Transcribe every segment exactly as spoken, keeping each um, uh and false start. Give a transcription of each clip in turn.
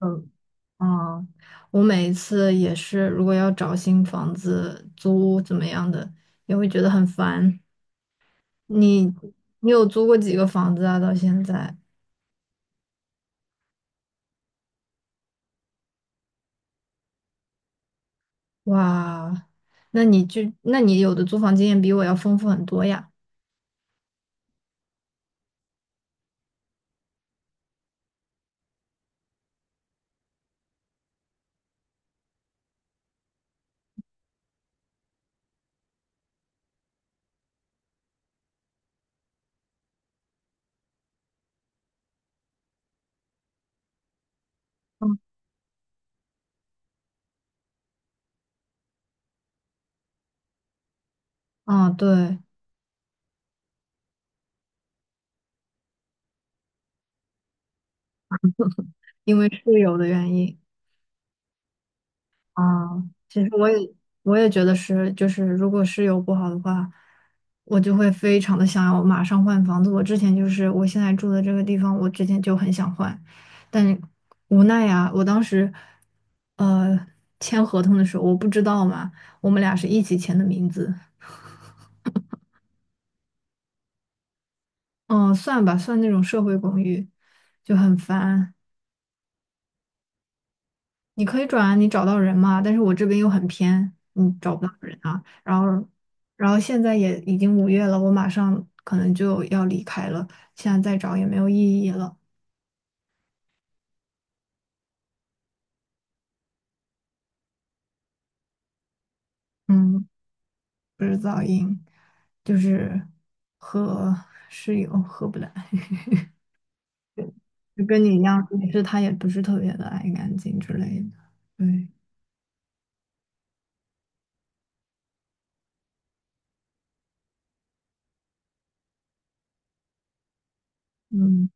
嗯，啊，我每一次也是，如果要找新房子租怎么样的，也会觉得很烦。你你有租过几个房子啊？到现在，哇，那你就那你有的租房经验比我要丰富很多呀。啊，对，因为室友的原因。啊，其实我也我也觉得是，就是如果室友不好的话，我就会非常的想要马上换房子。我之前就是我现在住的这个地方，我之前就很想换，但无奈呀，我当时呃签合同的时候我不知道嘛，我们俩是一起签的名字。嗯，算吧，算那种社会公寓，就很烦。你可以转啊，你找到人嘛，但是我这边又很偏，你找不到人啊。然后，然后现在也已经五月了，我马上可能就要离开了，现在再找也没有意义了。嗯，不是噪音，就是和室友合不来，就跟你一样，也是他也不是特别的爱干净之类的。对，嗯，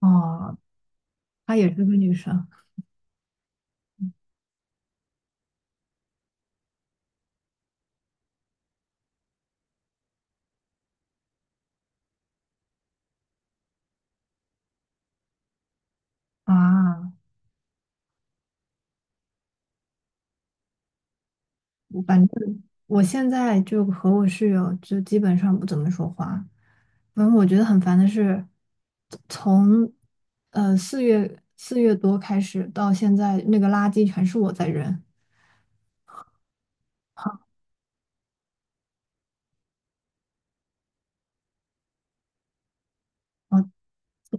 哦，她也是个女生啊。我反正我现在就和我室友就基本上不怎么说话。反正我觉得很烦的是，从呃四月四月多开始到现在，那个垃圾全是我在扔。好，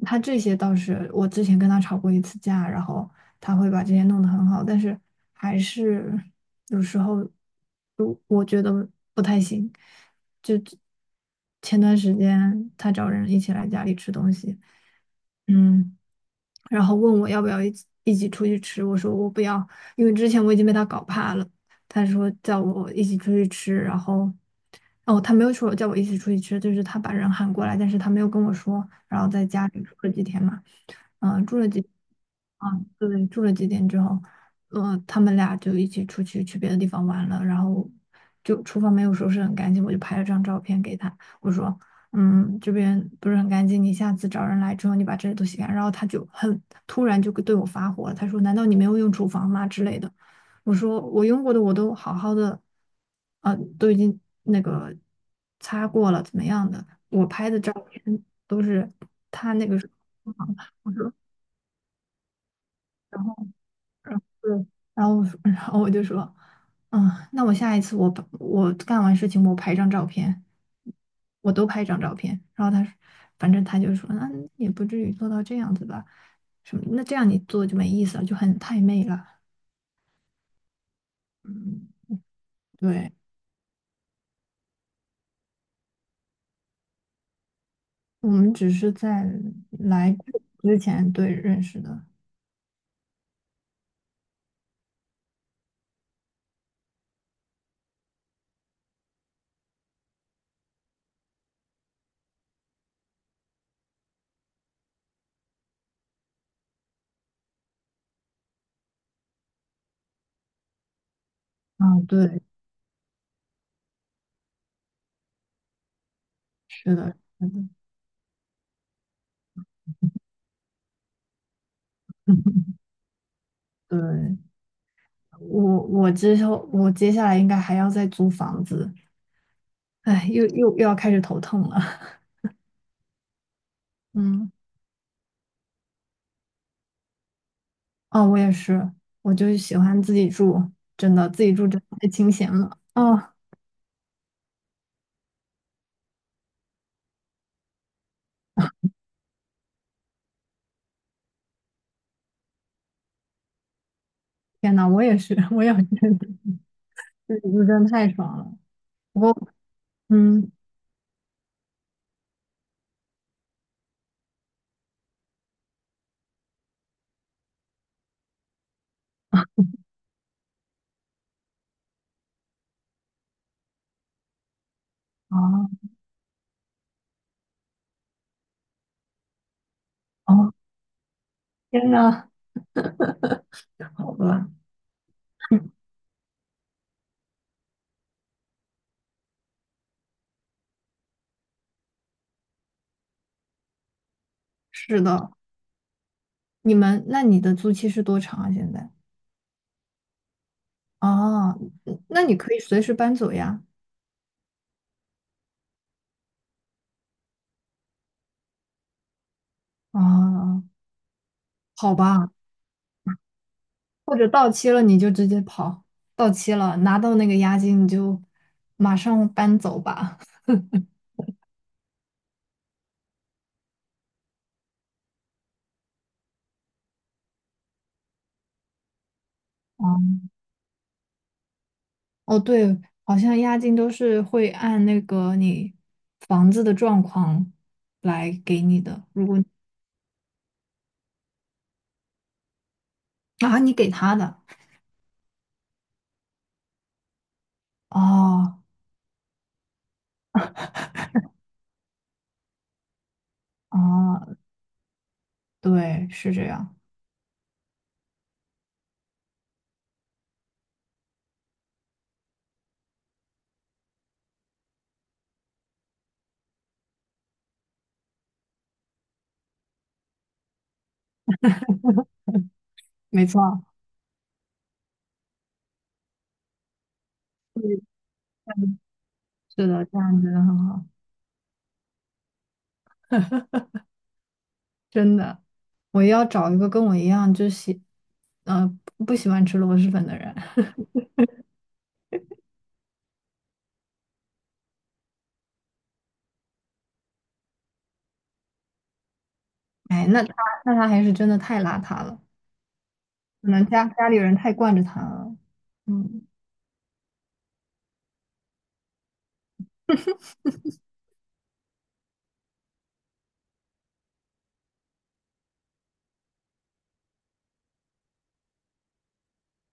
他这些倒是我之前跟他吵过一次架，然后他会把这些弄得很好，但是还是有时候就我觉得不太行。就前段时间他找人一起来家里吃东西。嗯。然后问我要不要一起一起出去吃，我说我不要，因为之前我已经被他搞怕了。他说叫我一起出去吃，然后，哦，他没有说叫我一起出去吃，就是他把人喊过来，但是他没有跟我说，然后在家里住了几天嘛，嗯、住了几，嗯，对，住了几天之后，嗯、他们俩就一起出去去别的地方玩了，然后就厨房没有收拾很干净，我就拍了张照片给他，我说嗯，这边不是很干净，你下次找人来之后，你把这些都洗干净。然后他就很突然就对我发火了，他说："难道你没有用厨房吗？"之类的。我说："我用过的我都好好的，啊、都已经那个擦过了，怎么样的？我拍的照片都是。"他就说，我说。对，然后我说 然后我就说，嗯，那我下一次我把我干完事情我拍张照片，我都拍张照片。然后他说，反正他就说，那也不至于做到这样子吧，什么？那这样你做就没意思了，就很太媚了。嗯，对，我们只是在来之前对认识的。啊，对，是的，是的，对，我我之后我接下来应该还要再租房子，哎，又又又要开始头痛了。嗯，哦，我也是，我就喜欢自己住，真的自己住真的太清闲了。哦，天呐，我也是，我也觉得自己住真的太爽了。不过，嗯，哦哦，天呐，好吧，是的，你们那你的租期是多长啊？现在？哦，嗯那你可以随时搬走呀。哦，好吧，或者到期了你就直接跑，到期了拿到那个押金你就马上搬走吧。哦，对，好像押金都是会按那个你房子的状况来给你的，如果啊，你给他的，哦哦，对，是这样。没错，对，嗯，是的，这样真的很好。真的，我要找一个跟我一样就喜，呃，不喜欢吃螺蛳粉的人。哎，那他那他还是真的太邋遢了，可能家家里人太惯着他了。嗯，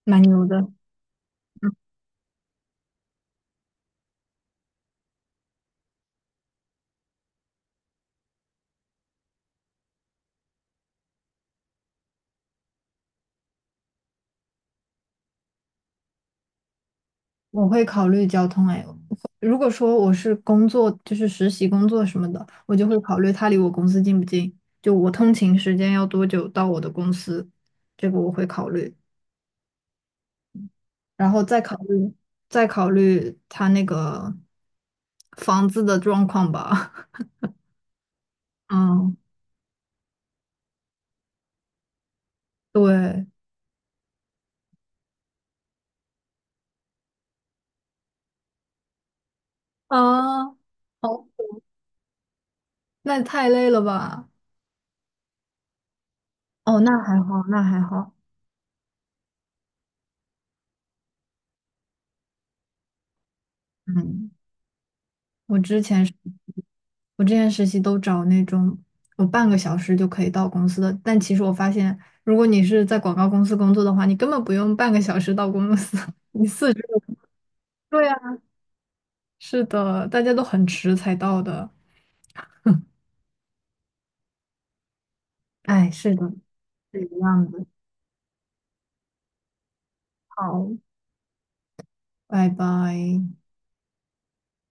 蛮牛的。我会考虑交通哎，如果说我是工作，就是实习工作什么的，我就会考虑它离我公司近不近，就我通勤时间要多久到我的公司，这个我会考虑，然后再考虑再考虑他那个房子的状况吧。嗯，对啊，哦，那太累了吧？哦，那还好，那还好，嗯。我之前是我之前实习都找那种有半个小时就可以到公司的，但其实我发现，如果你是在广告公司工作的话，你根本不用半个小时到公司，你四十五。对呀，是的，大家都很迟才到的。哎，是的，是一样的。好，拜拜。